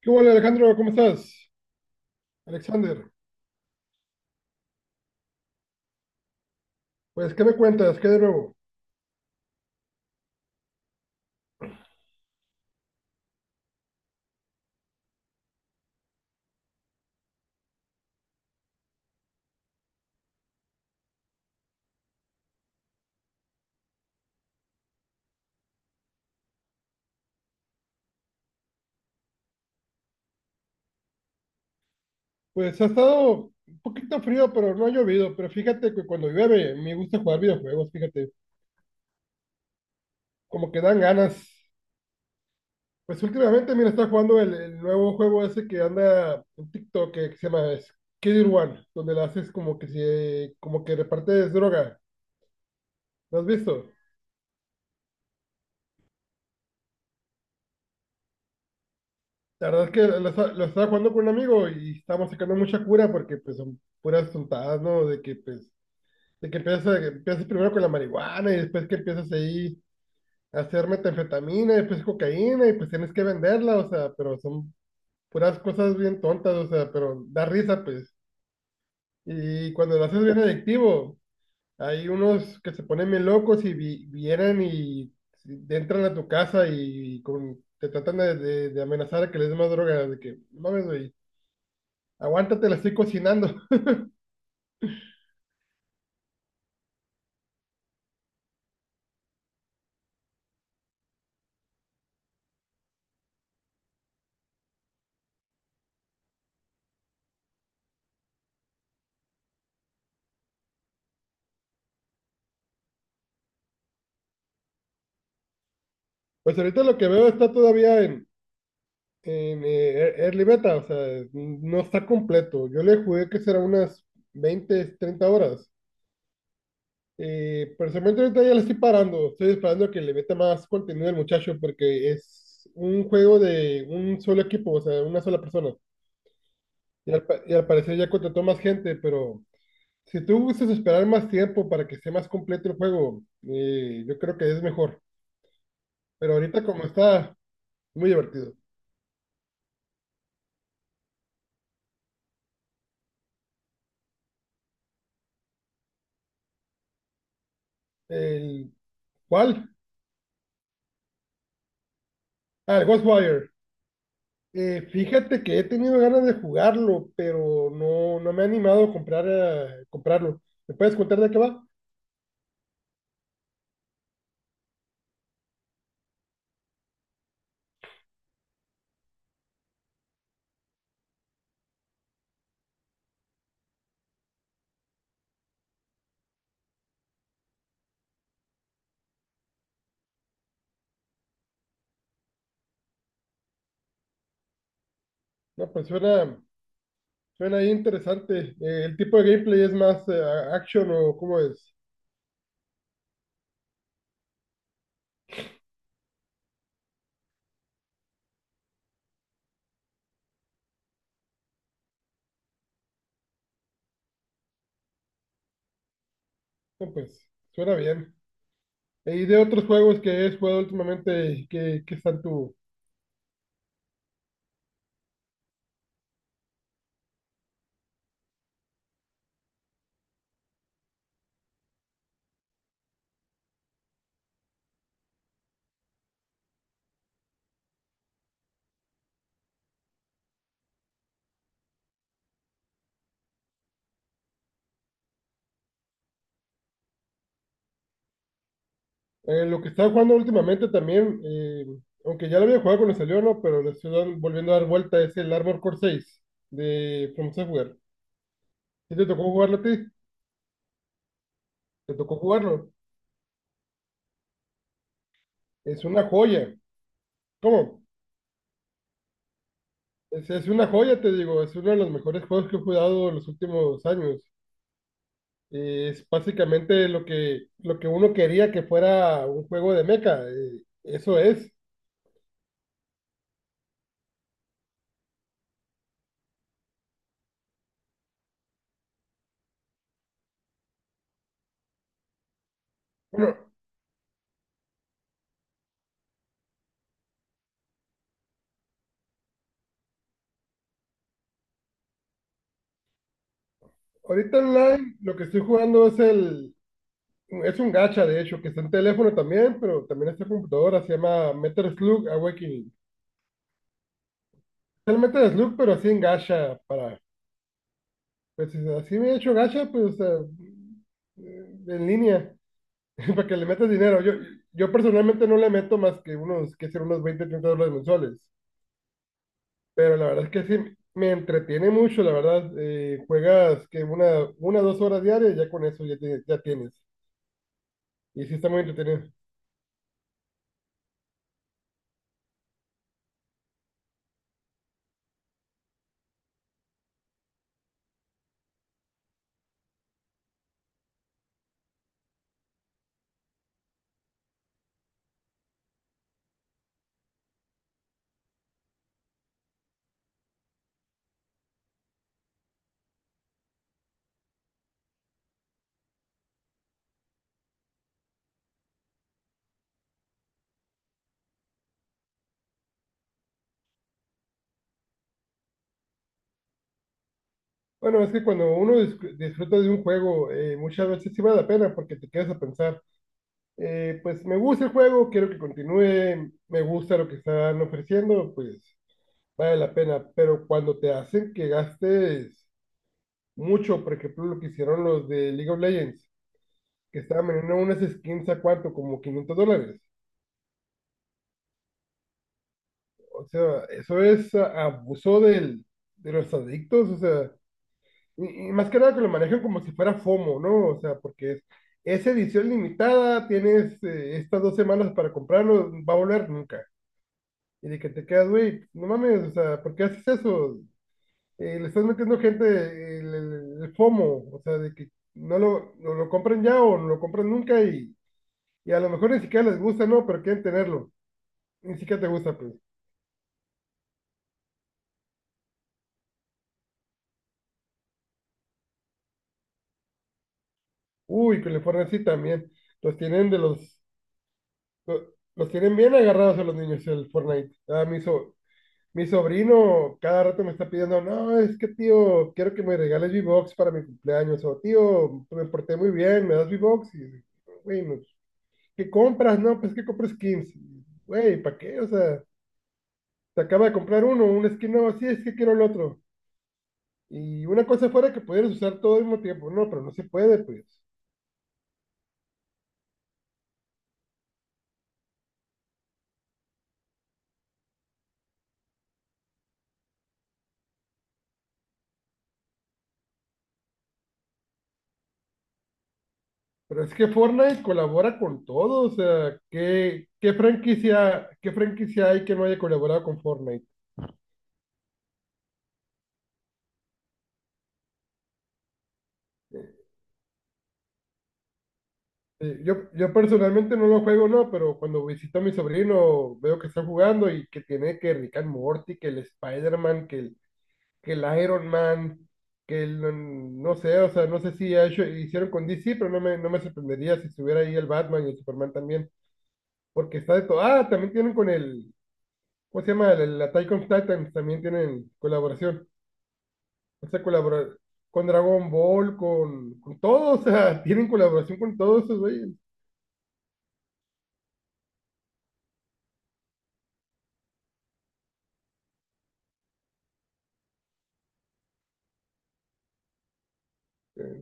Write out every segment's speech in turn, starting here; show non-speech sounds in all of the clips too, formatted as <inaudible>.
¿Qué hola Alejandro? ¿Cómo estás? Alexander, pues, ¿qué me cuentas? ¿Qué de nuevo? Pues ha estado un poquito frío, pero no ha llovido. Pero fíjate que cuando llueve me gusta jugar videojuegos, fíjate, como que dan ganas. Pues últimamente, mira, está jugando el nuevo juego ese que anda en TikTok que se llama Skid One, donde le haces como que repartes droga. ¿Lo has visto? La verdad es que lo estaba jugando con un amigo y estábamos sacando mucha cura porque pues son puras tontadas, ¿no? De que empiezas primero con la marihuana y después que empiezas ahí a hacer metanfetamina y después cocaína y pues tienes que venderla, o sea, pero son puras cosas bien tontas, o sea, pero da risa pues. Y cuando lo haces, bien adictivo, hay unos que se ponen bien locos y vienen y te entran a tu casa y, te tratan de amenazar a que les des más droga, de que, "No mames, güey, aguántate, la estoy cocinando". <laughs> Pues ahorita lo que veo está todavía en Early Beta, o sea, no está completo. Yo le jugué que será unas 20-30 horas. Personalmente ahorita ya le estoy parando. Estoy esperando a que le meta más contenido al muchacho porque es un juego de un solo equipo, o sea, una sola persona. Y y al parecer ya contrató más gente, pero si tú gustas esperar más tiempo para que sea más completo el juego, yo creo que es mejor. Pero ahorita como está, muy divertido. El, ¿Cuál? Ah, el Ghostwire. Fíjate que he tenido ganas de jugarlo, pero no, no me he animado a comprar, comprarlo. ¿Me puedes contar de qué va? No, pues suena ahí interesante. ¿El tipo de gameplay es más action o cómo es? No, pues suena bien. ¿Y de otros juegos que has jugado últimamente, y que están tú? Lo que estaba jugando últimamente también, aunque ya lo había jugado cuando salió, ¿no? Pero le estoy volviendo a dar vuelta, es el Armor Core 6 de From Software. ¿Sí te tocó jugarlo a ti? ¿Te tocó jugarlo? Es una joya. ¿Cómo? Es una joya, te digo. Es uno de los mejores juegos que he jugado en los últimos años. Es básicamente lo que uno quería que fuera un juego de mecha. Eso es. Bueno, ahorita online lo que estoy jugando es el... Es un gacha, de hecho, que está en teléfono también, pero también está en computadora. Se llama Metal Slug Awakening. Es el Metal Slug, pero así en gacha. Para, pues así me he hecho gacha, pues, o sea, en línea. <laughs> Para que le metas dinero. Yo personalmente no le meto más que unos, que ser unos 20-30 dólares mensuales. Pero la verdad es que sí, me entretiene mucho, la verdad. Juegas que dos horas diarias, ya con eso ya, ya tienes. Y sí está muy entretenido. Bueno, es que cuando uno disfruta de un juego, muchas veces sí vale la pena porque te quedas a pensar, pues me gusta el juego, quiero que continúe, me gusta lo que están ofreciendo, pues vale la pena. Pero cuando te hacen que gastes mucho, por ejemplo, lo que hicieron los de League of Legends, que estaban vendiendo unas skins a cuánto, como 500 dólares. O sea, eso es abuso de los adictos, o sea, y más que nada que lo manejan como si fuera FOMO, ¿no? O sea, porque es edición limitada, tienes estas 2 semanas para comprarlo, va a volver nunca. Y de que te quedas, güey, no mames, o sea, ¿por qué haces eso? Le estás metiendo gente el FOMO, o sea, de que no lo compren ya o no lo compren nunca. Y Y a lo mejor ni siquiera les gusta, ¿no? Pero quieren tenerlo. Ni siquiera te gusta, pues. Uy, con el Fortnite sí también. Los tienen de los... Los tienen bien agarrados a los niños el Fortnite. Ah, mi sobrino cada rato me está pidiendo, no, es que tío, quiero que me regales V-Box para mi cumpleaños. O tío, me porté muy bien, me das V-Box. Y, güey, no, ¿qué compras? No, pues que compro skins. Güey, ¿para qué? O sea, te acaba de comprar un skin nuevo, sí, es que quiero el otro. Y una cosa fuera que pudieras usar todo al mismo tiempo, no, pero no se puede, pues. Pero es que Fortnite colabora con todo, o sea, ¿qué franquicia hay que no haya colaborado con Fortnite? Yo personalmente no lo juego, no, pero cuando visito a mi sobrino veo que está jugando y que tiene que Rick and Morty, que el Spider-Man, que el Iron Man, no sé, o sea, no sé si hicieron con DC, pero no me sorprendería si estuviera ahí el Batman y el Superman también, porque está de todo. Ah, también tienen con ¿cómo se llama? La Attack on Titan también tienen colaboración. O sea, colaborar con Dragon Ball, con todo, o sea, <laughs> tienen colaboración con todos esos güeyes.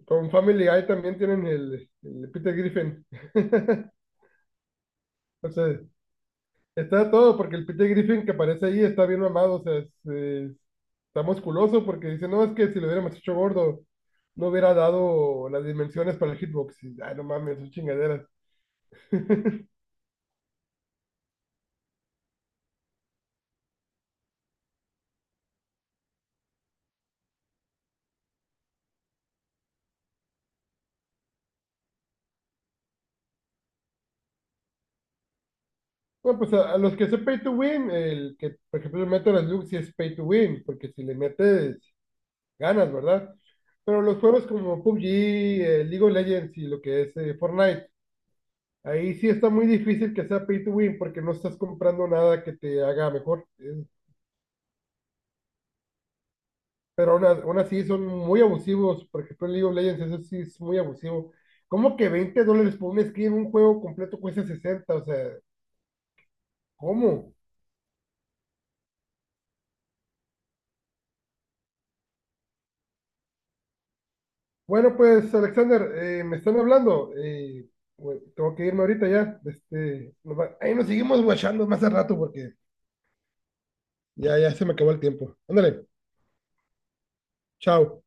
Con Family Guy también tienen el Peter Griffin. <laughs> O sea, está todo, porque el Peter Griffin que aparece ahí está bien mamado, o sea, está musculoso, porque dice, no, es que si lo hubiéramos hecho gordo, no hubiera dado las dimensiones para el hitbox. Y, ay, no mames, son chingaderas. Bueno, pues a los que son pay to win, el que, por ejemplo, le meto las Lux y es pay to win, porque si le metes, ganas, ¿verdad? Pero los juegos como PUBG, League of Legends y lo que es Fortnite, ahí sí está muy difícil que sea pay to win, porque no estás comprando nada que te haga mejor. Pero aún, aún así son muy abusivos, por ejemplo, en League of Legends, eso sí es muy abusivo. ¿Cómo que 20 dólares por un skin en un juego completo cuesta 60? O sea, ¿cómo? Bueno, pues Alexander, me están hablando. Güey, tengo que irme ahorita ya. Este, ahí nos seguimos guachando más al rato porque ya, ya se me acabó el tiempo. Ándale, chao.